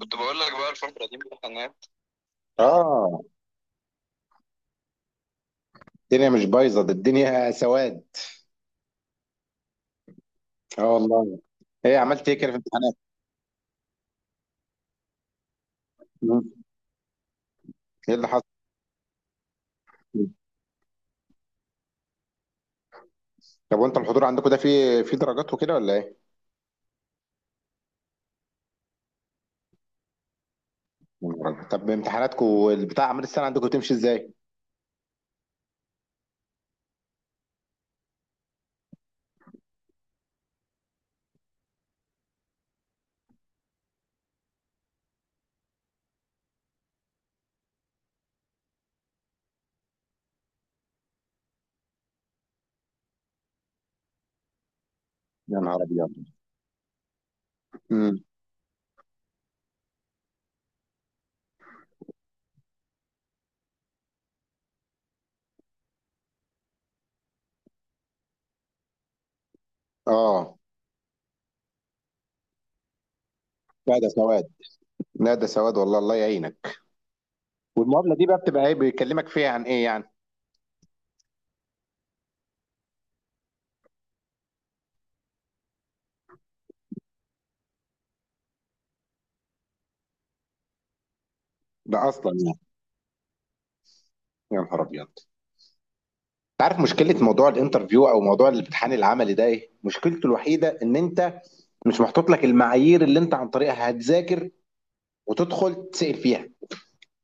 كنت بقول لك. اه، الدنيا مش بايظه، ده الدنيا سواد. اه والله. ايه عملت ايه كده في الامتحانات؟ مم. ايه اللي حصل؟ طب وانت الحضور عندكم ده فيه في درجات وكده ولا ايه؟ طب امتحاناتكم البتاع اعمال السنه عندكم تمشي ازاي؟ يا نهار ابيض. امم اه، لا ده سواد، لا ده سواد والله، الله يعينك. والمقابله دي بقى بتبقى ايه، بيكلمك فيها عن ايه يعني؟ ده اصلا يعني. يا نهار ابيض. انت عارف مشكله موضوع الانترفيو او موضوع الامتحان العملي ده ايه مشكلته الوحيده؟ ان انت مش محطوط لك المعايير اللي انت عن طريقها هتذاكر وتدخل تسأل فيها.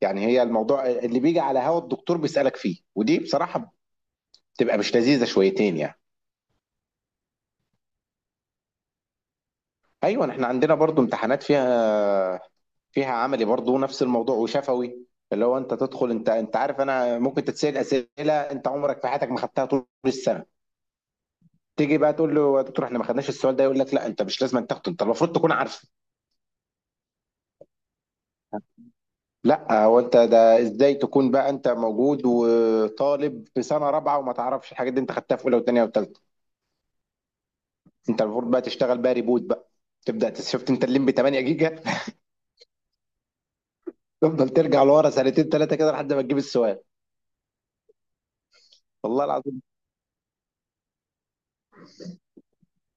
يعني هي الموضوع اللي بيجي على هوا الدكتور بيسألك فيه، ودي بصراحة بتبقى مش لذيذة شويتين يعني. ايوه احنا عندنا برضو امتحانات فيها عملي برضو نفس الموضوع وشفوي، اللي هو انت تدخل، انت عارف، انا ممكن تتسأل اسئله انت عمرك في حياتك ما خدتها طول السنه. تيجي بقى تقول له يا دكتور احنا ما خدناش السؤال ده، يقول لك لا انت مش لازم أن تاخده، انت المفروض تكون عارفه. لا، هو انت ده ازاي تكون بقى انت موجود وطالب في سنه رابعه وما تعرفش الحاجات دي، انت خدتها في اولى وثانيه وثالثه. انت المفروض بقى تشتغل بقى ريبوت بقى، شفت انت الليمبي 8 جيجا؟ تفضل ترجع لورا 2 3 كده لحد ما تجيب السؤال. والله العظيم.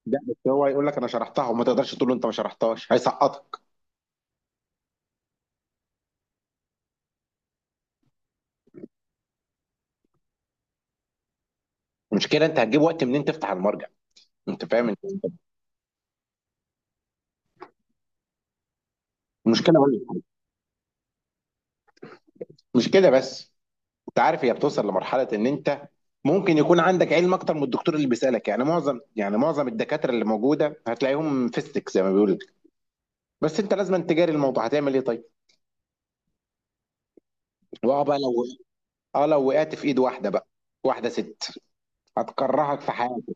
لا بس هو هيقول لك انا شرحتها وما تقدرش تقول له انت ما شرحتهاش، هيسقطك. المشكله انت هتجيب وقت منين تفتح المرجع؟ انت فاهم؟ المشكله وين؟ مش كده بس، انت عارف هي بتوصل لمرحله ان انت ممكن يكون عندك علم اكتر من الدكتور اللي بيسالك. يعني معظم الدكاتره اللي موجوده هتلاقيهم فيستك زي ما بيقولوا لك. بس انت لازم تجاري الموضوع، هتعمل ايه طيب؟ واه بقى لو، اه لو وقعت في ايد واحده بقى، واحده ست، هتكرهك في حياتك.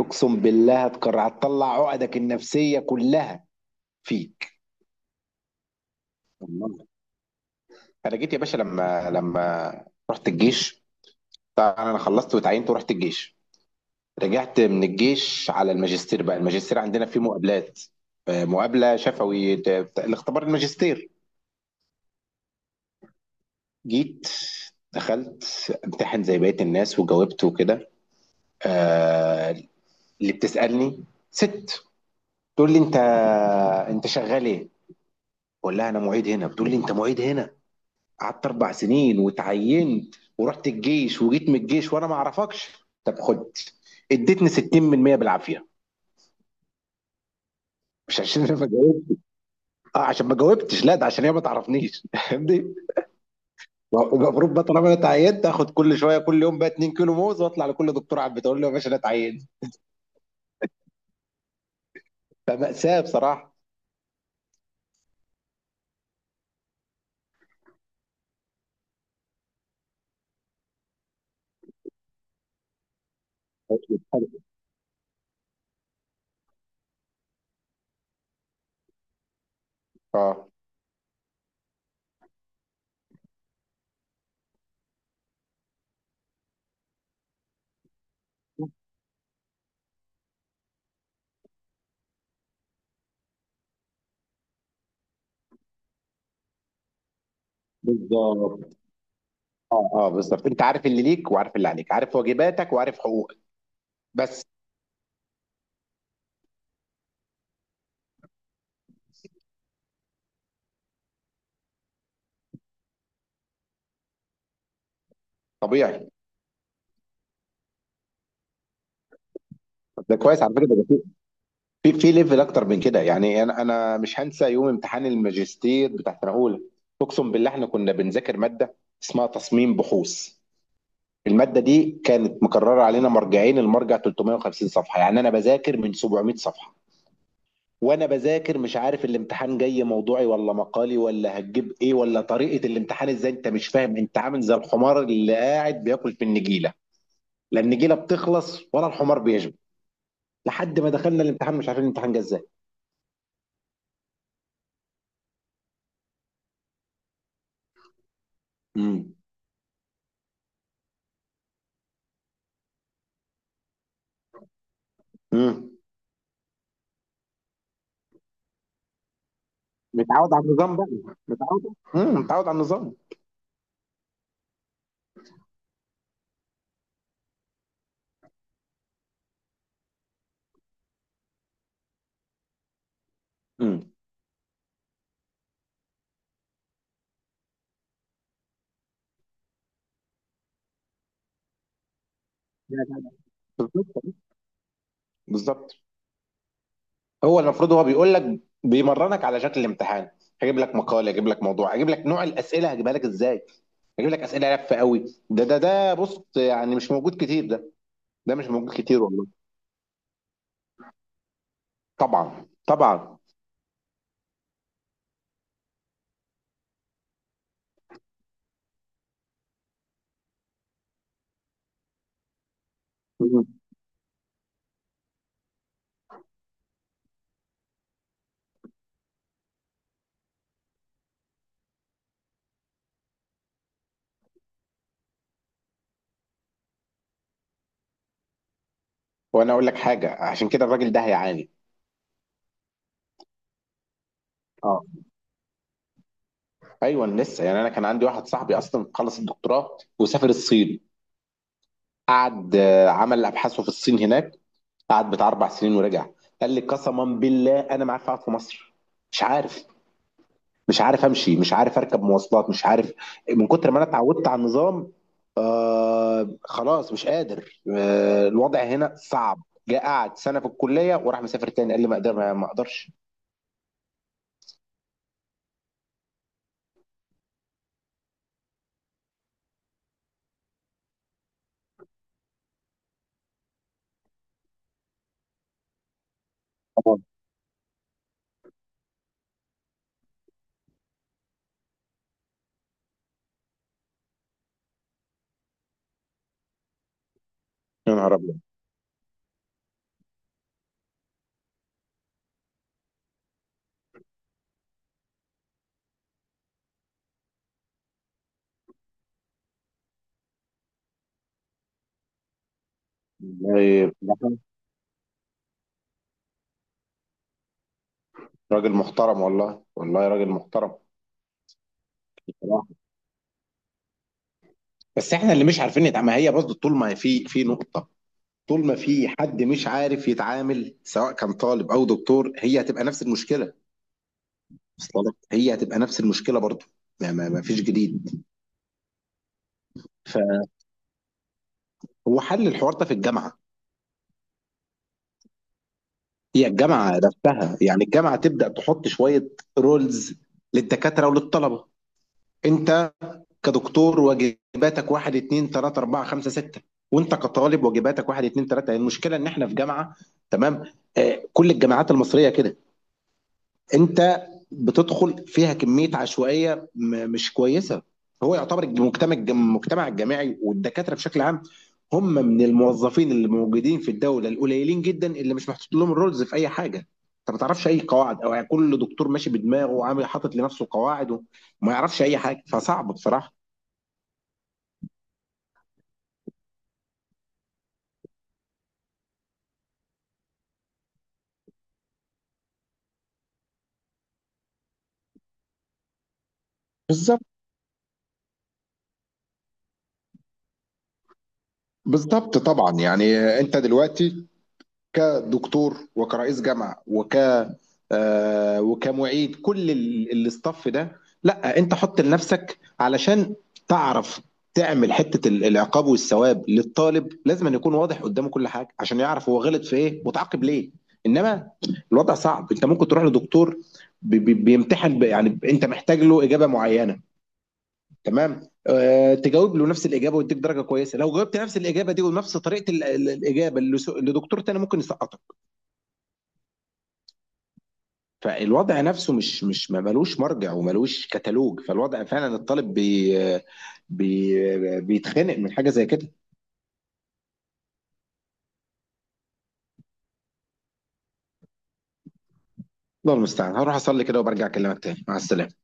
اقسم بالله هتكره، هتطلع عقدك النفسيه كلها فيك. والله، انا جيت يا باشا لما رحت الجيش. طبعا انا خلصت واتعينت ورحت الجيش، رجعت من الجيش على الماجستير. بقى الماجستير عندنا فيه مقابلات. مقابله شفوي، الاختبار الماجستير. جيت دخلت امتحن زي بقيه الناس وجاوبت وكده. آه، اللي بتسالني ست، تقول لي انت شغال ايه؟ بقول لها انا معيد هنا، بتقول لي انت معيد هنا؟ قعدت 4 سنين وتعينت ورحت الجيش وجيت من الجيش وانا ما اعرفكش، طب خد. اديتني 60% بالعافيه. مش عشان انا ما جاوبت، اه عشان ما جاوبتش، لا ده عشان هي ما تعرفنيش. فاهمني؟ المفروض بقى طالما انا اتعينت اخد كل شويه كل يوم بقى 2 كيلو موز واطلع لكل دكتور على البيت اقول له يا باشا انا اتعينت. فمأساة بصراحه. اه بالظبط. اه اه بالظبط، انت عارف اللي ليك وعارف اللي عليك، عارف واجباتك وعارف حقوقك. بس طبيعي. ده كويس على فكره ده، في في ليفل اكتر من كده يعني. انا مش هنسى يوم امتحان الماجستير بتاع سنه 1. اقسم بالله احنا كنا بنذاكر ماده اسمها تصميم بحوث، الماده دي كانت مكرره علينا مرجعين، المرجع 350 صفحه، يعني انا بذاكر من 700 صفحه. وانا بذاكر مش عارف الامتحان جاي موضوعي ولا مقالي، ولا هتجيب ايه ولا طريقه الامتحان ازاي، انت مش فاهم. انت عامل زي الحمار اللي قاعد بياكل في النجيله، لا النجيله بتخلص ولا الحمار بيشبع. لحد ما دخلنا الامتحان مش عارفين الامتحان جه ازاي. امم امم متعود على النظام بقى، متعود على النظام. امم بالظبط، بالظبط. هو المفروض هو بيقول لك بيمرنك على شكل الامتحان. هجيب لك مقال، هجيب لك موضوع، هجيب لك نوع الاسئله، هجيبها لك ازاي، هجيب لك اسئله لفه قوي. ده بص، يعني مش موجود كتير ده، ده مش موجود كتير والله. طبعا طبعا. مم. وانا اقول لك حاجه، عشان كده الراجل ده هيعاني. اه ايوه لسه يعني. انا كان عندي واحد صاحبي اصلا خلص الدكتوراه وسافر الصين، قعد عمل ابحاثه في الصين هناك، قعد بتاع 4 سنين ورجع. قال لي قسما بالله انا ما عارف اقعد في مصر، مش عارف، مش عارف امشي، مش عارف اركب مواصلات، مش عارف، من كتر ما انا اتعودت على النظام. آه خلاص مش قادر، آه الوضع هنا صعب. جاء قعد سنه في الكليه وراح مسافر تاني، قال لي ما اقدر، ما اقدرش. طبعاً. يا نهار ابيض. والله بصراحة راجل محترم، والله والله راجل محترم. بصراحة. بس احنا اللي مش عارفين نتعامل. ما هي برضه طول ما في في نقطه، طول ما في حد مش عارف يتعامل سواء كان طالب او دكتور، هي هتبقى نفس المشكله. وصل لك؟ هي هتبقى نفس المشكله برضه. ما فيش جديد. فهو حل الحوار ده في الجامعه. هي الجامعه نفسها، يعني الجامعه تبدا تحط شويه رولز للدكاتره وللطلبه. انت كدكتور واجباتك واحد اتنين تلاته اربعه خمسه سته، وانت كطالب واجباتك واحد اتنين تلاته. يعني المشكله ان احنا في جامعه، تمام؟ كل الجامعات المصريه كده، انت بتدخل فيها كميه عشوائيه مش كويسه. هو يعتبر المجتمع، المجتمع الجامعي والدكاتره بشكل عام، هم من الموظفين اللي موجودين في الدوله القليلين جدا اللي مش محطوط لهم الرولز في اي حاجه. انت ما تعرفش اي قواعد، او يعني كل دكتور ماشي بدماغه وعامل حاطط لنفسه قواعد وما يعرفش اي حاجه، فصعب بصراحه. بالظبط. بالظبط طبعا. يعني انت دلوقتي كدكتور وكرئيس جامعه وك آه، وكمعيد، كل الاستاف ده، لا انت حط لنفسك علشان تعرف تعمل حته العقاب والثواب للطالب، لازم أن يكون واضح قدامه كل حاجه عشان يعرف هو غلط في ايه وتعاقب ليه. انما الوضع صعب، انت ممكن تروح لدكتور بيمتحن، يعني انت محتاج له اجابه معينه، تمام؟ أه تجاوب له نفس الاجابه ويديك درجه كويسه، لو جاوبت نفس الاجابه دي ونفس طريقه الاجابه لدكتور تاني ممكن يسقط. فالوضع نفسه مش مش ما ملوش مرجع وملوش كتالوج. فالوضع فعلا الطالب بي بي بيتخنق من حاجه زي كده. الله المستعان، هروح اصلي كده وبرجع اكلمك تاني. مع السلامه.